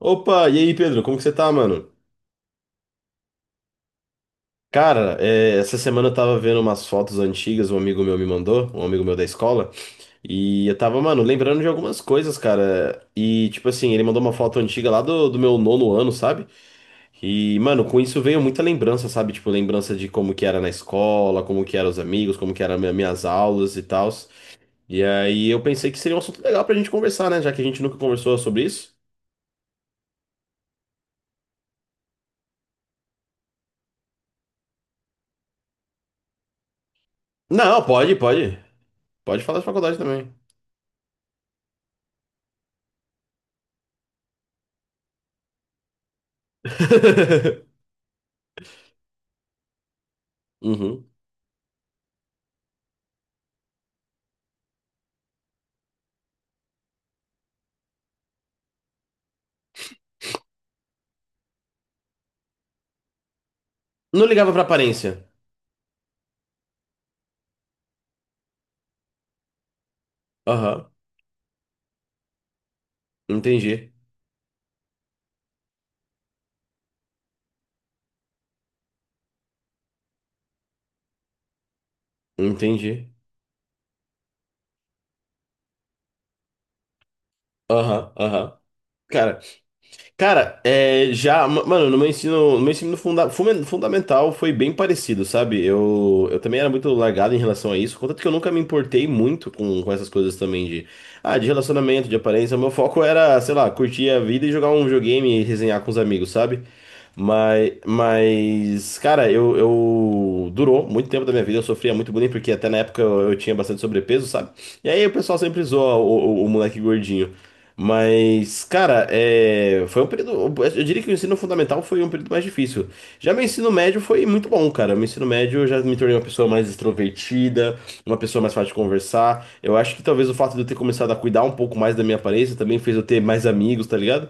Opa, e aí, Pedro, como que você tá, mano? Cara, essa semana eu tava vendo umas fotos antigas, um amigo meu me mandou, um amigo meu da escola, e eu tava, mano, lembrando de algumas coisas, cara. E, tipo assim, ele mandou uma foto antiga lá do meu nono ano, sabe? E, mano, com isso veio muita lembrança, sabe? Tipo, lembrança de como que era na escola, como que eram os amigos, como que eram minhas aulas e tal. E aí eu pensei que seria um assunto legal pra gente conversar, né? Já que a gente nunca conversou sobre isso. Não, pode. Pode falar de faculdade também. Uhum. Não ligava pra aparência. Aham. Entendi. Entendi. Aham, aham. Cara, Cara, já, mano, no meu ensino fundamental foi bem parecido, sabe? Eu também era muito largado em relação a isso, contanto que eu nunca me importei muito com essas coisas também de, ah, de relacionamento, de aparência. O meu foco era, sei lá, curtir a vida e jogar um videogame e resenhar com os amigos, sabe? Mas, cara, eu durou muito tempo da minha vida, eu sofria muito bullying, porque até na época eu tinha bastante sobrepeso, sabe? E aí o pessoal sempre zoa o moleque gordinho. Mas, cara, é, foi um período. Eu diria que o ensino fundamental foi um período mais difícil. Já meu ensino médio foi muito bom, cara. Meu ensino médio eu já me tornei uma pessoa mais extrovertida, uma pessoa mais fácil de conversar. Eu acho que talvez o fato de eu ter começado a cuidar um pouco mais da minha aparência também fez eu ter mais amigos, tá ligado?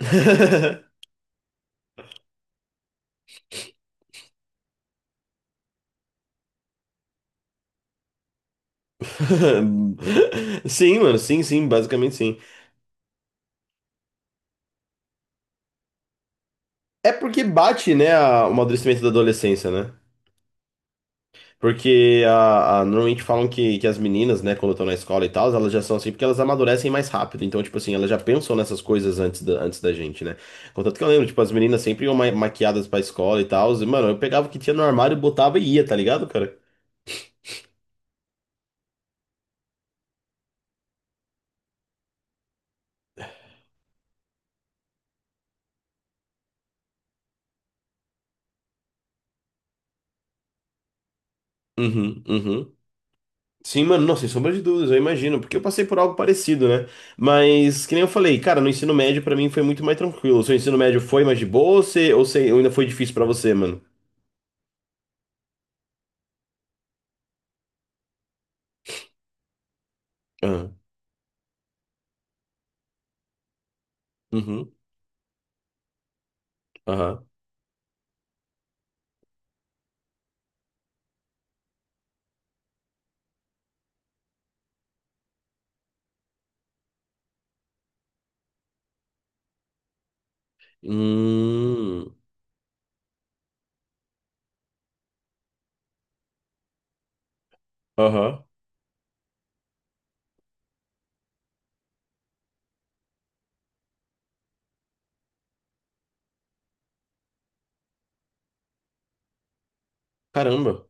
Sim, mano, sim, sim, basicamente sim. É porque bate, né, o amadurecimento da adolescência, né? Porque normalmente falam que as meninas, né, quando estão na escola e tal, elas já são assim porque elas amadurecem mais rápido. Então, tipo assim, elas já pensam nessas coisas antes da gente, né? Contanto que eu lembro, tipo, as meninas sempre iam maquiadas pra escola e tal. E, mano, eu pegava o que tinha no armário, botava e ia, tá ligado, cara? Uhum, uhum. Sim, mano, não, sem sombra de dúvidas, eu imagino, porque eu passei por algo parecido, né? Mas, que nem eu falei, cara, no ensino médio pra mim foi muito mais tranquilo. O seu ensino médio foi mais de boa ou, você, ou ainda foi difícil pra você, mano? Aham, uhum, aham. Hum. Aham. Caramba.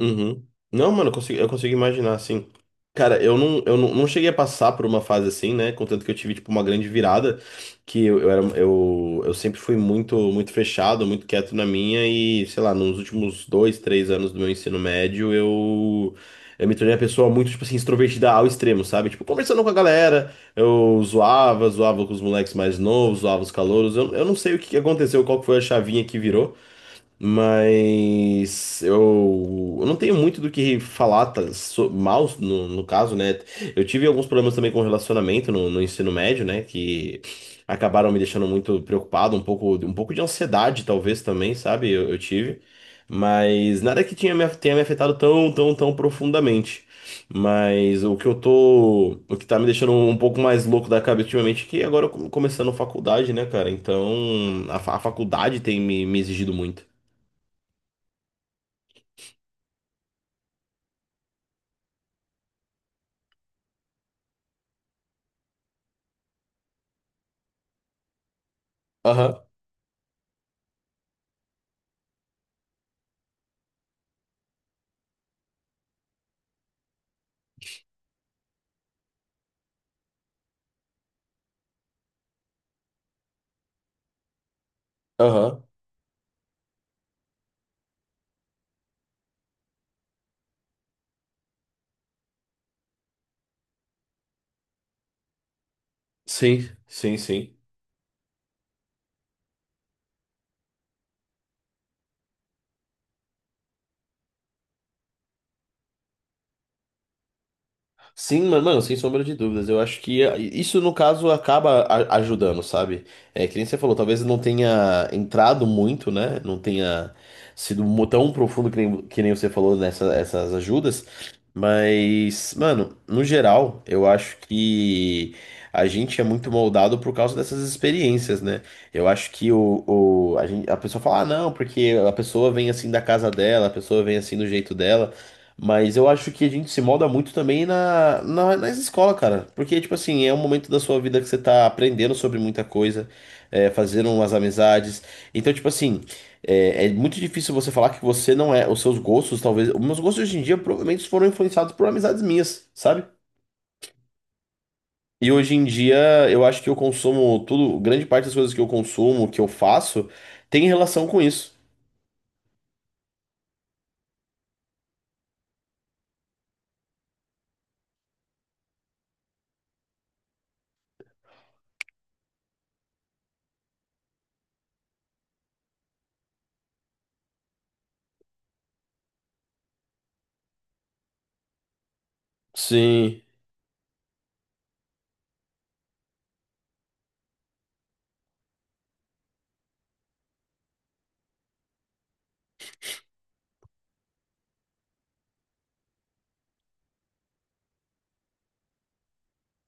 Uhum. Não, mano, eu consigo imaginar, assim. Cara, eu não, não cheguei a passar por uma fase assim, né? Contanto que eu tive, tipo, uma grande virada, que eu era, eu sempre fui muito, muito fechado, muito quieto na minha, e, sei lá, nos últimos dois, 3 anos do meu ensino médio, eu me tornei uma pessoa muito, tipo assim, extrovertida ao extremo, sabe? Tipo, conversando com a galera, zoava com os moleques mais novos, zoava os calouros, eu não sei o que que aconteceu, qual que foi a chavinha que virou. Mas eu não tenho muito do que falar tá, mal no, no caso, né? Eu tive alguns problemas também com relacionamento no ensino médio, né? Que acabaram me deixando muito preocupado, um pouco de ansiedade, talvez também, sabe? Eu tive. Mas nada que tinha tenha me afetado tão, tão, tão profundamente. Mas o que eu tô. O que tá me deixando um pouco mais louco da cabeça ultimamente é que agora eu começando faculdade, né, cara? Então a faculdade tem me exigido muito. Aham, aham. Sim, sim, sim. Sim, mano, sem sombra de dúvidas. Eu acho que isso, no caso, acaba ajudando, sabe? É, que nem você falou, talvez não tenha entrado muito, né? Não tenha tão profundo que nem você falou nessas essas ajudas. Mas, mano, no geral, eu acho que a gente é muito moldado por causa dessas experiências, né? Eu acho que a pessoa fala, ah, não, porque a pessoa vem assim da casa dela, a pessoa vem assim do jeito dela. Mas eu acho que a gente se molda muito também nas escolas, cara. Porque, tipo assim, é um momento da sua vida que você tá aprendendo sobre muita coisa, é, fazendo umas amizades. Então, tipo assim, é, é muito difícil você falar que você não é. Os seus gostos, talvez. Os meus gostos hoje em dia provavelmente foram influenciados por amizades minhas, sabe? E hoje em dia eu acho que eu consumo tudo, grande parte das coisas que eu consumo, que eu faço, tem relação com isso. Sim.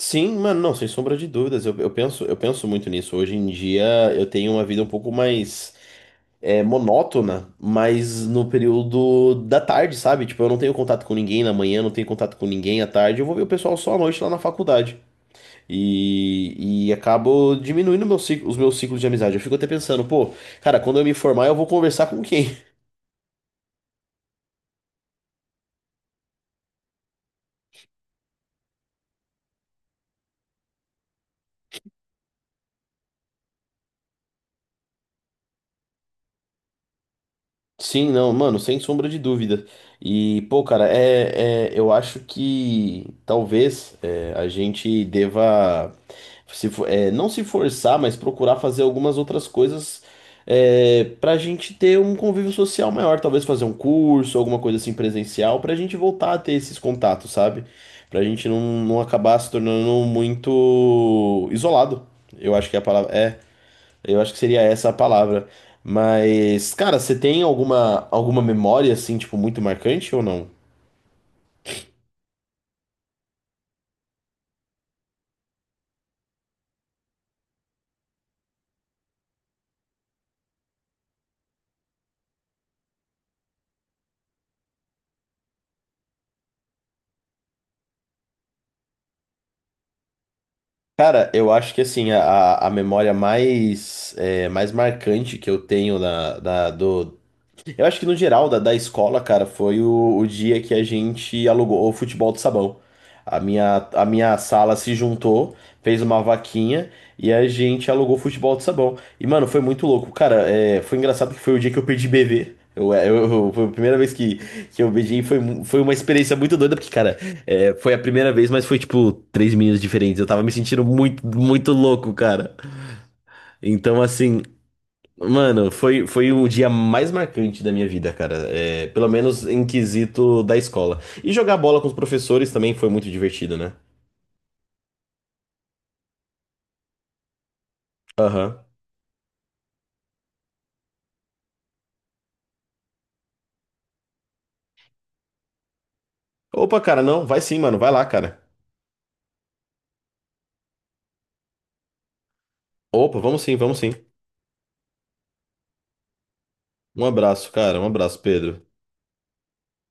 Sim, mano, não, sem sombra de dúvidas. Eu penso, eu penso muito nisso. Hoje em dia eu tenho uma vida um pouco mais monótona, mas no período da tarde, sabe? Tipo, eu não tenho contato com ninguém na manhã, não tenho contato com ninguém à tarde. Eu vou ver o pessoal só à noite lá na faculdade. E acabo diminuindo os meus ciclos de amizade. Eu fico até pensando, pô, cara, quando eu me formar, eu vou conversar com quem? Sim, não, mano, sem sombra de dúvida. E, pô, cara, eu acho que talvez a gente deva se, fo- é, não se forçar, mas procurar fazer algumas outras coisas pra gente ter um convívio social maior. Talvez fazer um curso, alguma coisa assim presencial, pra gente voltar a ter esses contatos, sabe? Pra gente não acabar se tornando muito isolado. Eu acho que é a palavra. É. Eu acho que seria essa a palavra. Mas, cara, você tem alguma memória, assim, tipo, muito marcante ou não? Cara, eu acho que assim, a memória mais, é, mais marcante que eu tenho na, da, do. Eu acho que no geral da escola, cara, foi o dia que a gente alugou o futebol de sabão. A minha sala se juntou, fez uma vaquinha e a gente alugou futebol de sabão. E, mano, foi muito louco. Cara, é, foi engraçado porque foi o dia que eu perdi bebê. Foi a primeira vez que eu beijei foi, foi uma experiência muito doida, porque, cara, é, foi a primeira vez, mas foi tipo três meninas diferentes. Eu tava me sentindo muito, muito louco, cara. Então, assim, mano, foi o dia mais marcante da minha vida, cara. É, pelo menos em quesito da escola. E jogar bola com os professores também foi muito divertido, né? Aham. Opa, cara, não, vai sim, mano, vai lá, cara. Opa, vamos sim, vamos sim. Um abraço, cara, um abraço, Pedro.